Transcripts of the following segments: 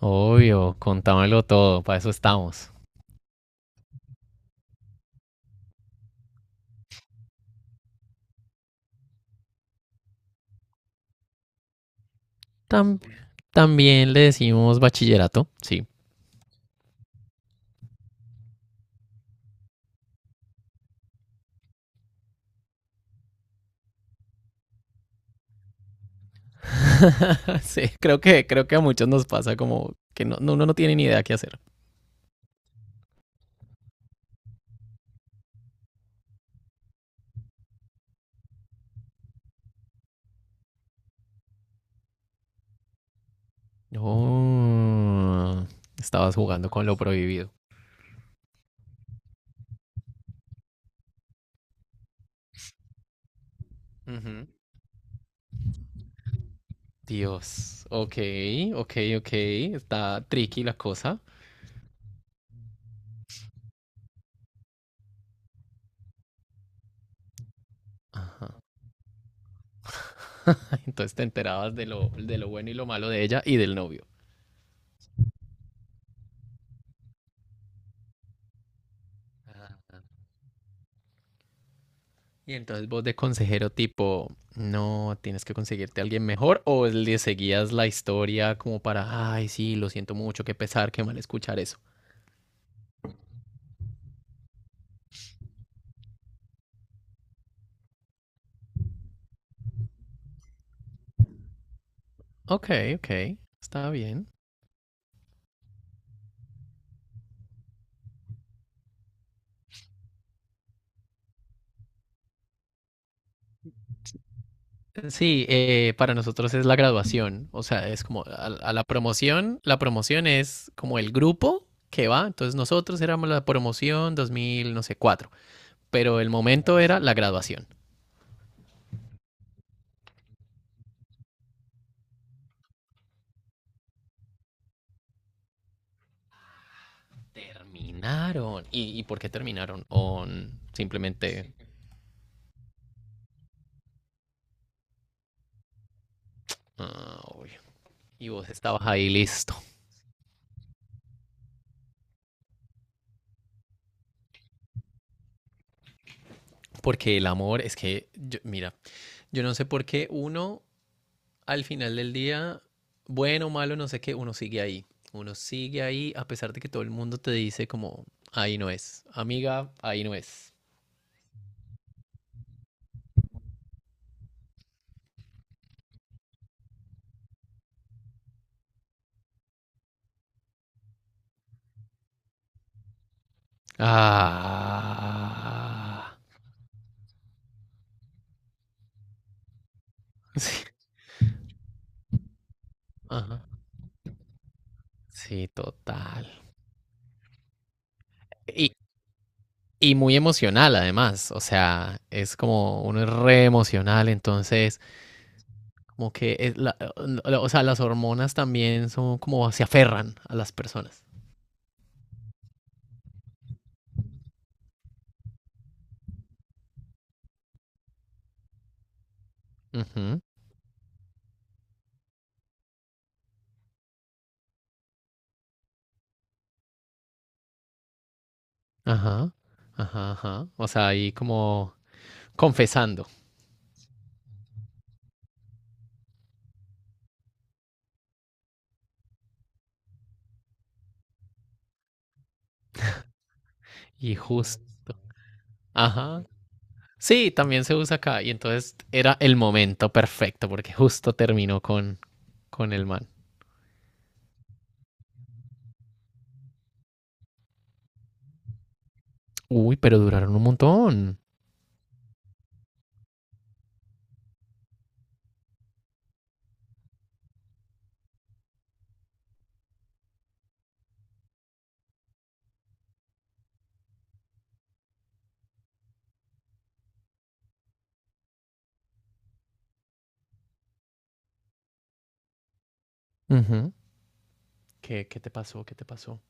Obvio, contámelo todo, para eso estamos. Tam- también le decimos bachillerato, sí. Sí, creo que a muchos nos pasa como que uno no tiene ni idea qué hacer. Oh, estabas jugando con lo prohibido. Ujú. Dios, ok, está tricky la cosa. Entonces te enterabas de de lo bueno y lo malo de ella y del novio. Y entonces vos de consejero tipo, no, tienes que conseguirte a alguien mejor, o le seguías la historia como para, ay, sí, lo siento mucho, qué pesar, qué mal escuchar eso. Ok, ok, está bien. Sí, para nosotros es la graduación, o sea, es como a la promoción. La promoción es como el grupo que va, entonces nosotros éramos la promoción 2000, no sé, cuatro, pero el momento era la graduación. Terminaron. Y por qué terminaron? ¿O simplemente... Ah, obvio. Y vos estabas ahí listo. Porque el amor es que, yo- mira, yo no sé por qué uno al final del día, bueno, malo, no sé qué, uno sigue ahí. Uno sigue ahí a pesar de que todo el mundo te dice como, ahí no es. Amiga, ahí no es. Ah. Sí. Ajá. Sí, total. Y, y muy emocional además. O sea, es como uno es re emocional, entonces... Como que, es o sea, las hormonas también son como se aferran a las personas. Ujú. Ajá, ajá. O sea, ahí como confesando. Y justo. Ajá. Sí, también se usa acá. Y entonces era el momento perfecto porque justo terminó con el man. Uy, pero duraron un montón. Ujú. Qué te pasó? ¿Qué te pasó?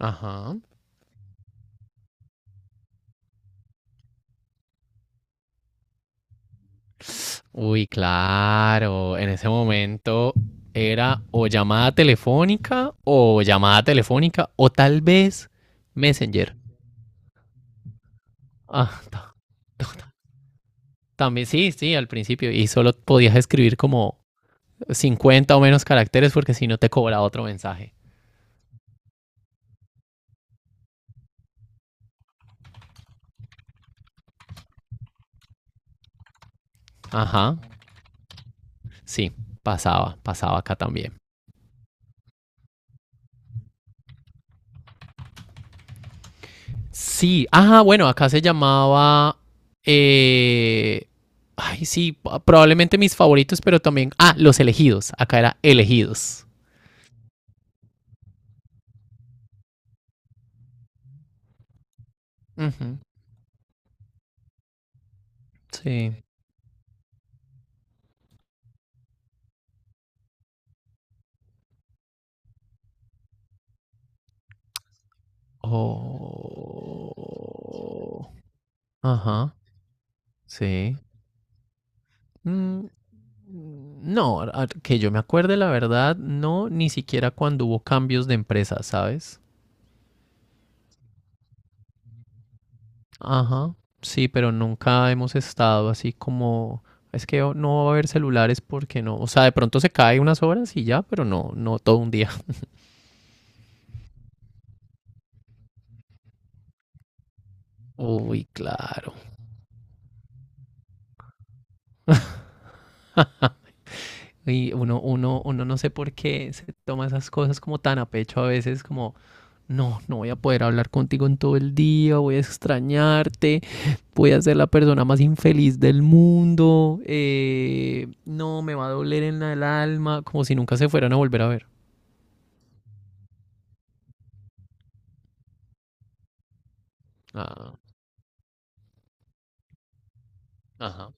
Ajá. Uy, claro, en ese momento era o llamada telefónica o llamada telefónica o tal vez Messenger. Ah, también sí, al principio, y solo podías escribir como 50 o menos caracteres porque si no te cobraba otro mensaje. Ajá, sí, pasaba, pasaba acá también. Sí, ajá, bueno, acá se llamaba eh, ay, sí, pa- probablemente mis favoritos, pero también ah, los elegidos, acá era elegidos. Ujú. Sí. Oh. Ajá. Sí. Mm, no, que yo me acuerde, la verdad, no, ni siquiera cuando hubo cambios de empresa, ¿sabes? Ajá. Sí, pero nunca hemos estado así como. Es que no va a haber celulares porque no. O sea, de pronto se cae unas horas y ya, pero no, no todo un día. Uy, claro. Y uno no sé por qué se toma esas cosas como tan a pecho a veces, como. No, no voy a poder hablar contigo en todo el día, voy a extrañarte, voy a ser la persona más infeliz del mundo, no, me va a doler en el alma, como si nunca se fueran a volver a ver. Ah, ajá.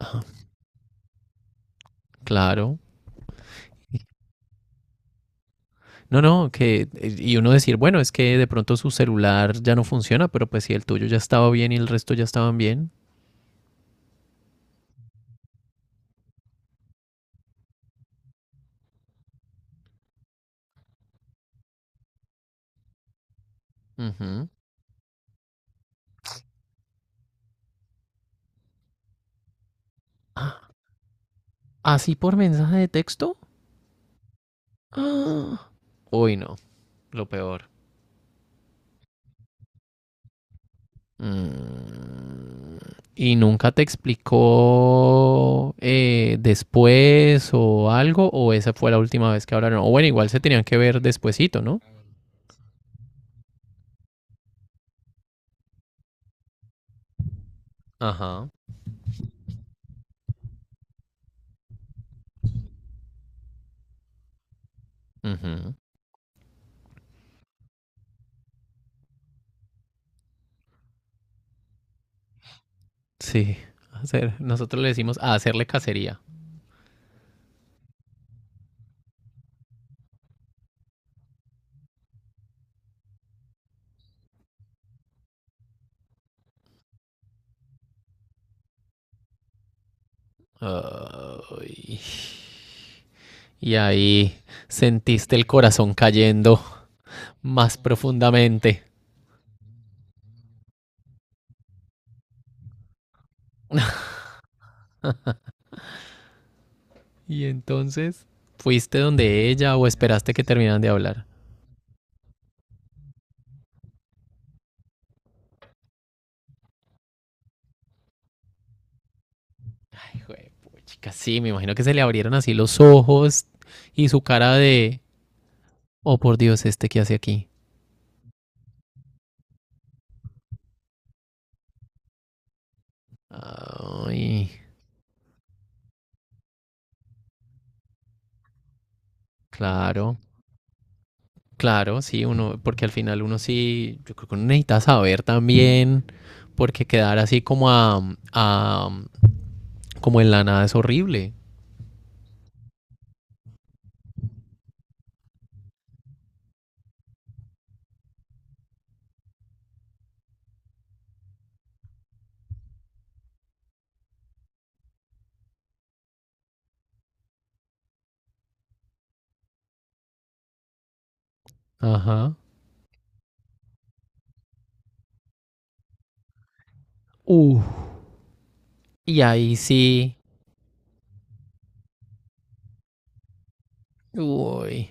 Ah, claro. No, no, que y uno decir, bueno, es que de pronto su celular ya no funciona, pero pues si el tuyo ya estaba bien y el resto ya estaban bien. Ujú. Ah, ¿así por mensaje de texto? Ah. Uy, no, lo peor. Mm, ¿y nunca te explicó después o algo? ¿O esa fue la última vez que hablaron? O bueno, igual se tenían que ver despuesito, ¿no? Ajá. Ujú. Sí, hacer, nosotros le decimos a hacerle cacería. Ay. Y ahí sentiste el corazón cayendo más profundamente. Y entonces, ¿fuiste donde ella o esperaste que terminaran de hablar? Hijo de puchica, sí, me imagino que se le abrieron así los ojos y su cara de, oh por Dios, este que hace aquí. Ay, claro, claro, sí, uno, porque al final uno sí, yo creo que uno necesita saber también, porque quedar así como a- como en la nada es horrible. Ajá. Uh, y ahí sí, uy.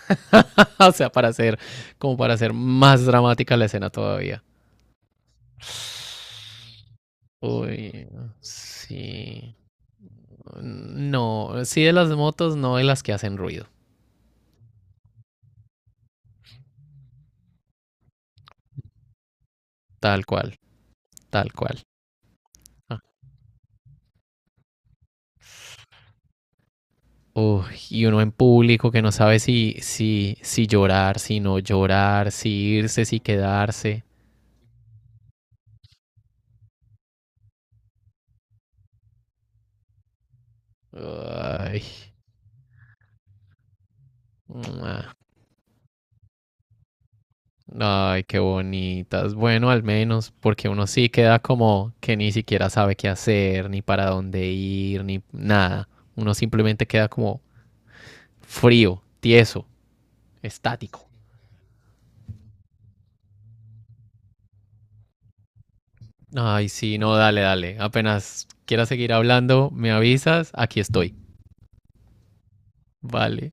O sea, para hacer, como para hacer más dramática la escena todavía. Uy, sí. Mm, no, sí de las motos, no de las que hacen ruido. Tal cual, tal cual. Ah, uy, y uno en público que no sabe si, si llorar, si no llorar, si irse, si quedarse. Ay, mua. Ay, qué bonitas. Bueno, al menos, porque uno sí queda como que ni siquiera sabe qué hacer, ni para dónde ir, ni nada. Uno simplemente queda como frío, tieso, estático. Ay, sí, no, dale, dale. Apenas quieras seguir hablando, me avisas, aquí estoy. Vale.